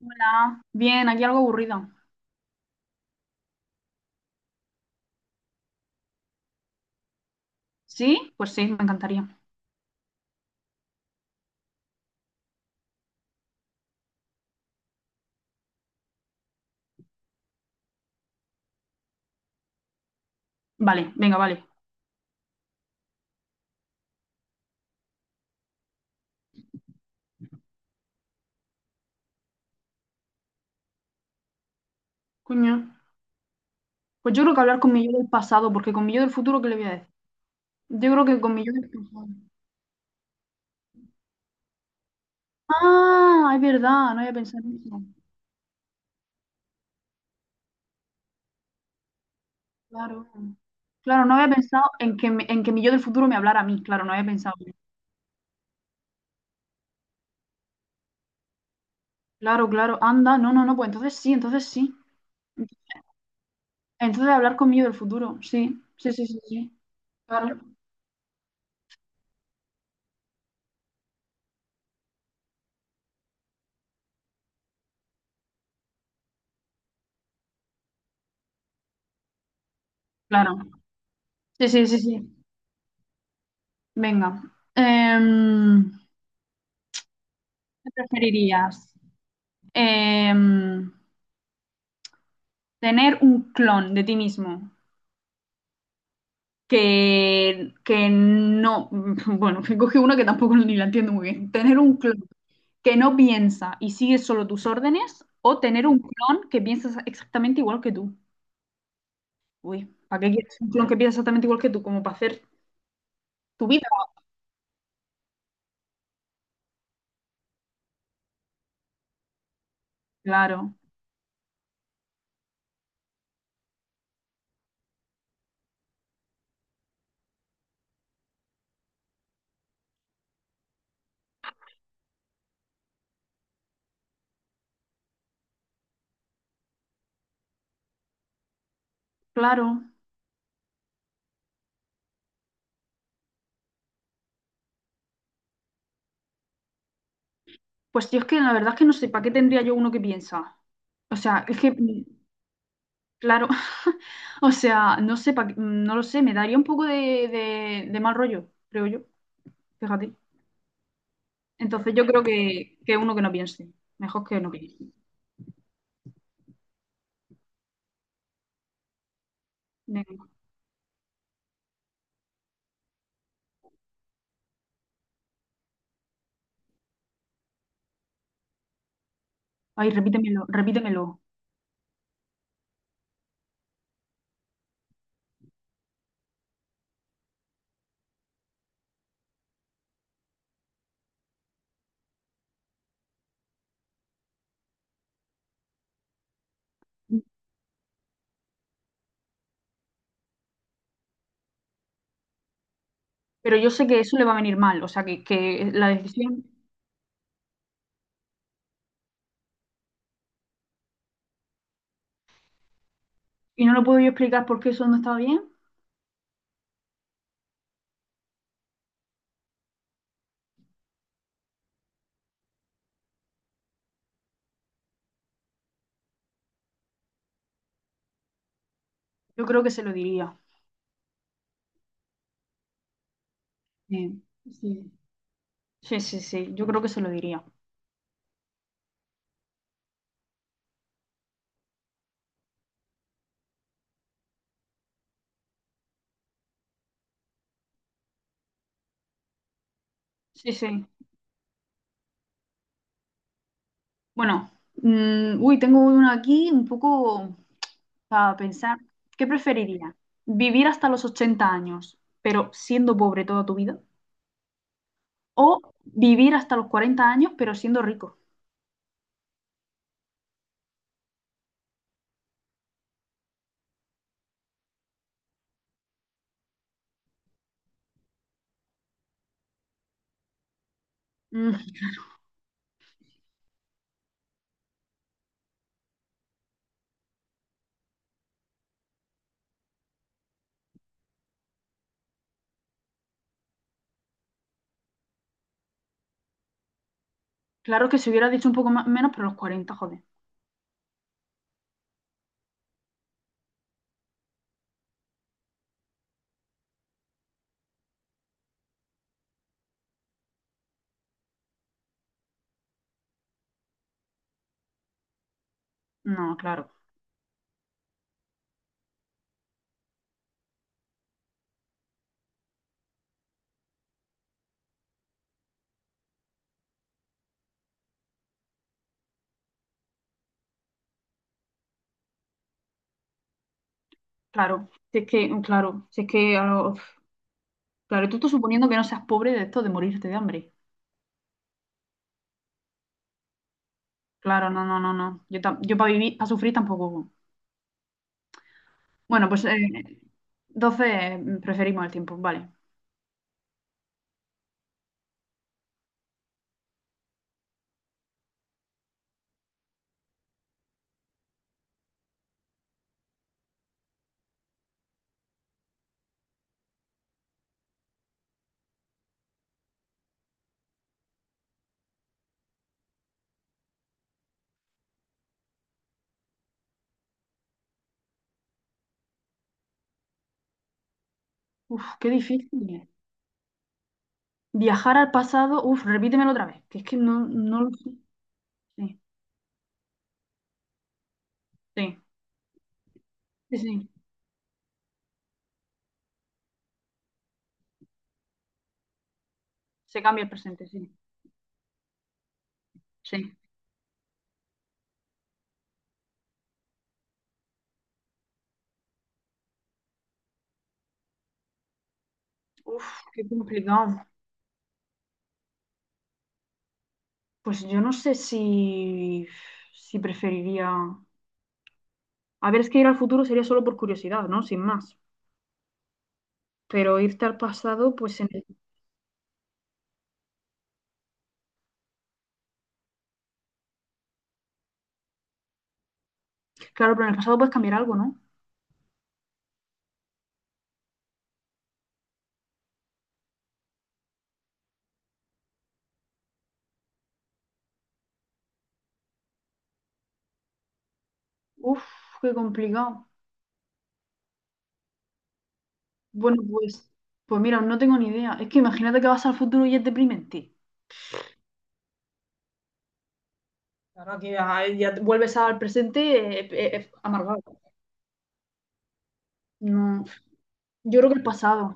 Hola, bien, aquí algo aburrido. ¿Sí? Pues sí, me encantaría. Vale, venga, vale. Coño. Pues yo creo que hablar con mi yo del pasado, porque con mi yo del futuro, ¿qué le voy a decir? Yo creo que con mi yo del pasado. Ah, es verdad, no había pensado en eso. Claro. Claro, no había pensado en que, en que mi yo del futuro me hablara a mí. Claro, no había pensado. Claro, claro, anda, no, no, no, pues entonces sí, entonces sí. Entonces hablar con mi yo del futuro, sí, sí, sí, sí, sí. Claro, claro. Sí, sí, sí, sí. Venga. Em, ¿Qué preferirías? Em, tener un clon de ti mismo que no, bueno, que coge uno que tampoco ni la entiendo muy bien. Tener un clon que no piensa y sigue solo tus órdenes o tener un clon que piensa exactamente igual que tú. Uy, ¿para qué quieres un clon que piensa exactamente igual que tú? Como para hacer tu vida. Claro, claro. Pues yo es que la verdad es que no sé, ¿para qué tendría yo uno que piensa? O sea, es que claro, o sea, no sé, no lo sé, me daría un poco de mal rollo, creo yo, fíjate. Entonces yo creo que uno que no piense, mejor que no piense. Venga. Ay, repítemelo, repítemelo. Pero yo sé que eso le va a venir mal, o sea, que la decisión, y no lo puedo yo explicar por qué eso no está bien, yo creo que se lo diría. Sí, sí, sí, sí, sí, yo creo que se lo diría. Sí, sí. Bueno, uy, tengo uno aquí un poco para pensar. ¿Qué preferiría? ¿Vivir hasta los 80 años, pero siendo pobre toda tu vida? ¿O vivir hasta los 40 años, pero siendo rico? Claro, claro, que se hubiera dicho un poco más menos, pero los 40, joder. No, claro, claro. Si es que, claro, si es que, a lo- claro, tú estás suponiendo que no seas pobre de esto de morirte de hambre. Claro, no, no, no, no. Yo para vivir, para sufrir tampoco. Bueno, pues 12 preferimos el tiempo, vale. Uf, qué difícil. Viajar al pasado, uf, repítemelo otra vez, que es que no, no lo sé. Sí, sí, sí, sí. Se cambia el presente, sí, sí. Uf, qué complicado. Pues yo no sé si preferiría... A ver, es que ir al futuro sería solo por curiosidad, ¿no? Sin más. Pero irte al pasado, pues en el... Claro, pero en el pasado puedes cambiar algo, ¿no? Uf, qué complicado. Bueno, pues mira, no tengo ni idea. Es que imagínate que vas al futuro y es deprimente. Ahora que ya, ya vuelves al presente, amargado. No, yo creo que el pasado.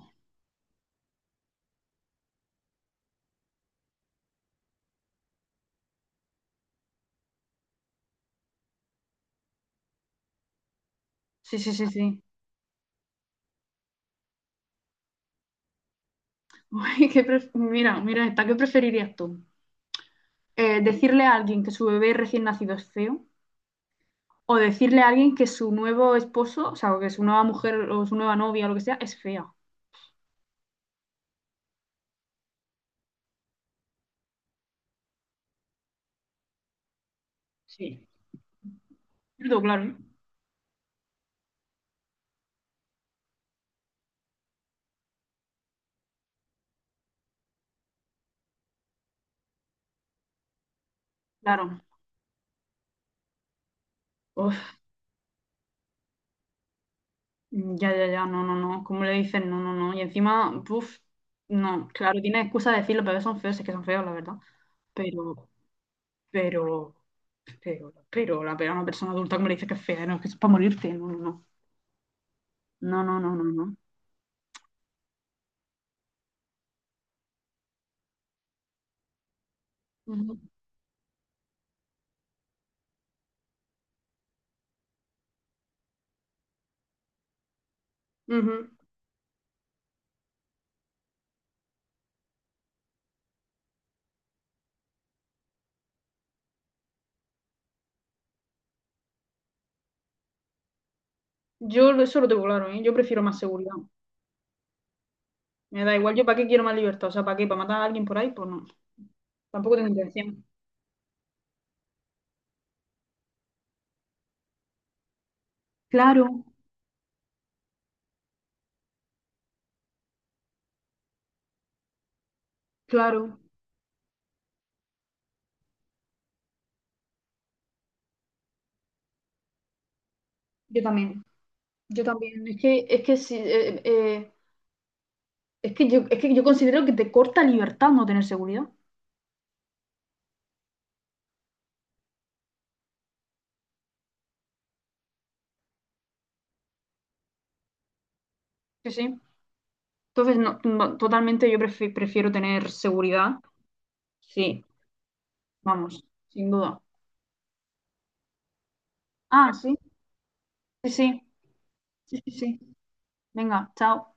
Sí, sí, sí, sí. Uy, mira, mira esta, ¿qué preferirías tú? ¿Decirle a alguien que su bebé recién nacido es feo? ¿O decirle a alguien que su nuevo esposo, o sea, o que su nueva mujer o su nueva novia o lo que sea, es fea? Sí. Claro, claro. ¿Eh? Claro. Uf. Ya, ya, ya, no, no, no, ¿cómo le dices? No, no, no. Y encima, puf, no, claro, tiene excusa de decirlo, pero son feos, es que son feos, la verdad. Pero, pero, pero, la pega a una persona adulta, ¿como le dices que es fea? No, es que eso es para morirte, no, no, no. No, no, no, no, no. Ujú. Ujú. Eso lo tengo claro, ¿eh? Yo prefiero más seguridad. Me da igual, ¿yo para qué quiero más libertad? O sea, ¿para qué? ¿Para matar a alguien por ahí? Pues no, tampoco tengo intención. Claro, claro, yo también. Yo también. Es que sí. Es que yo considero que te corta libertad no tener seguridad. Sí, sí. Entonces, no, no, totalmente yo prefiero tener seguridad. Sí, vamos, sin duda. Ah, sí, sí, sí, sí, sí. Sí. Venga, chao.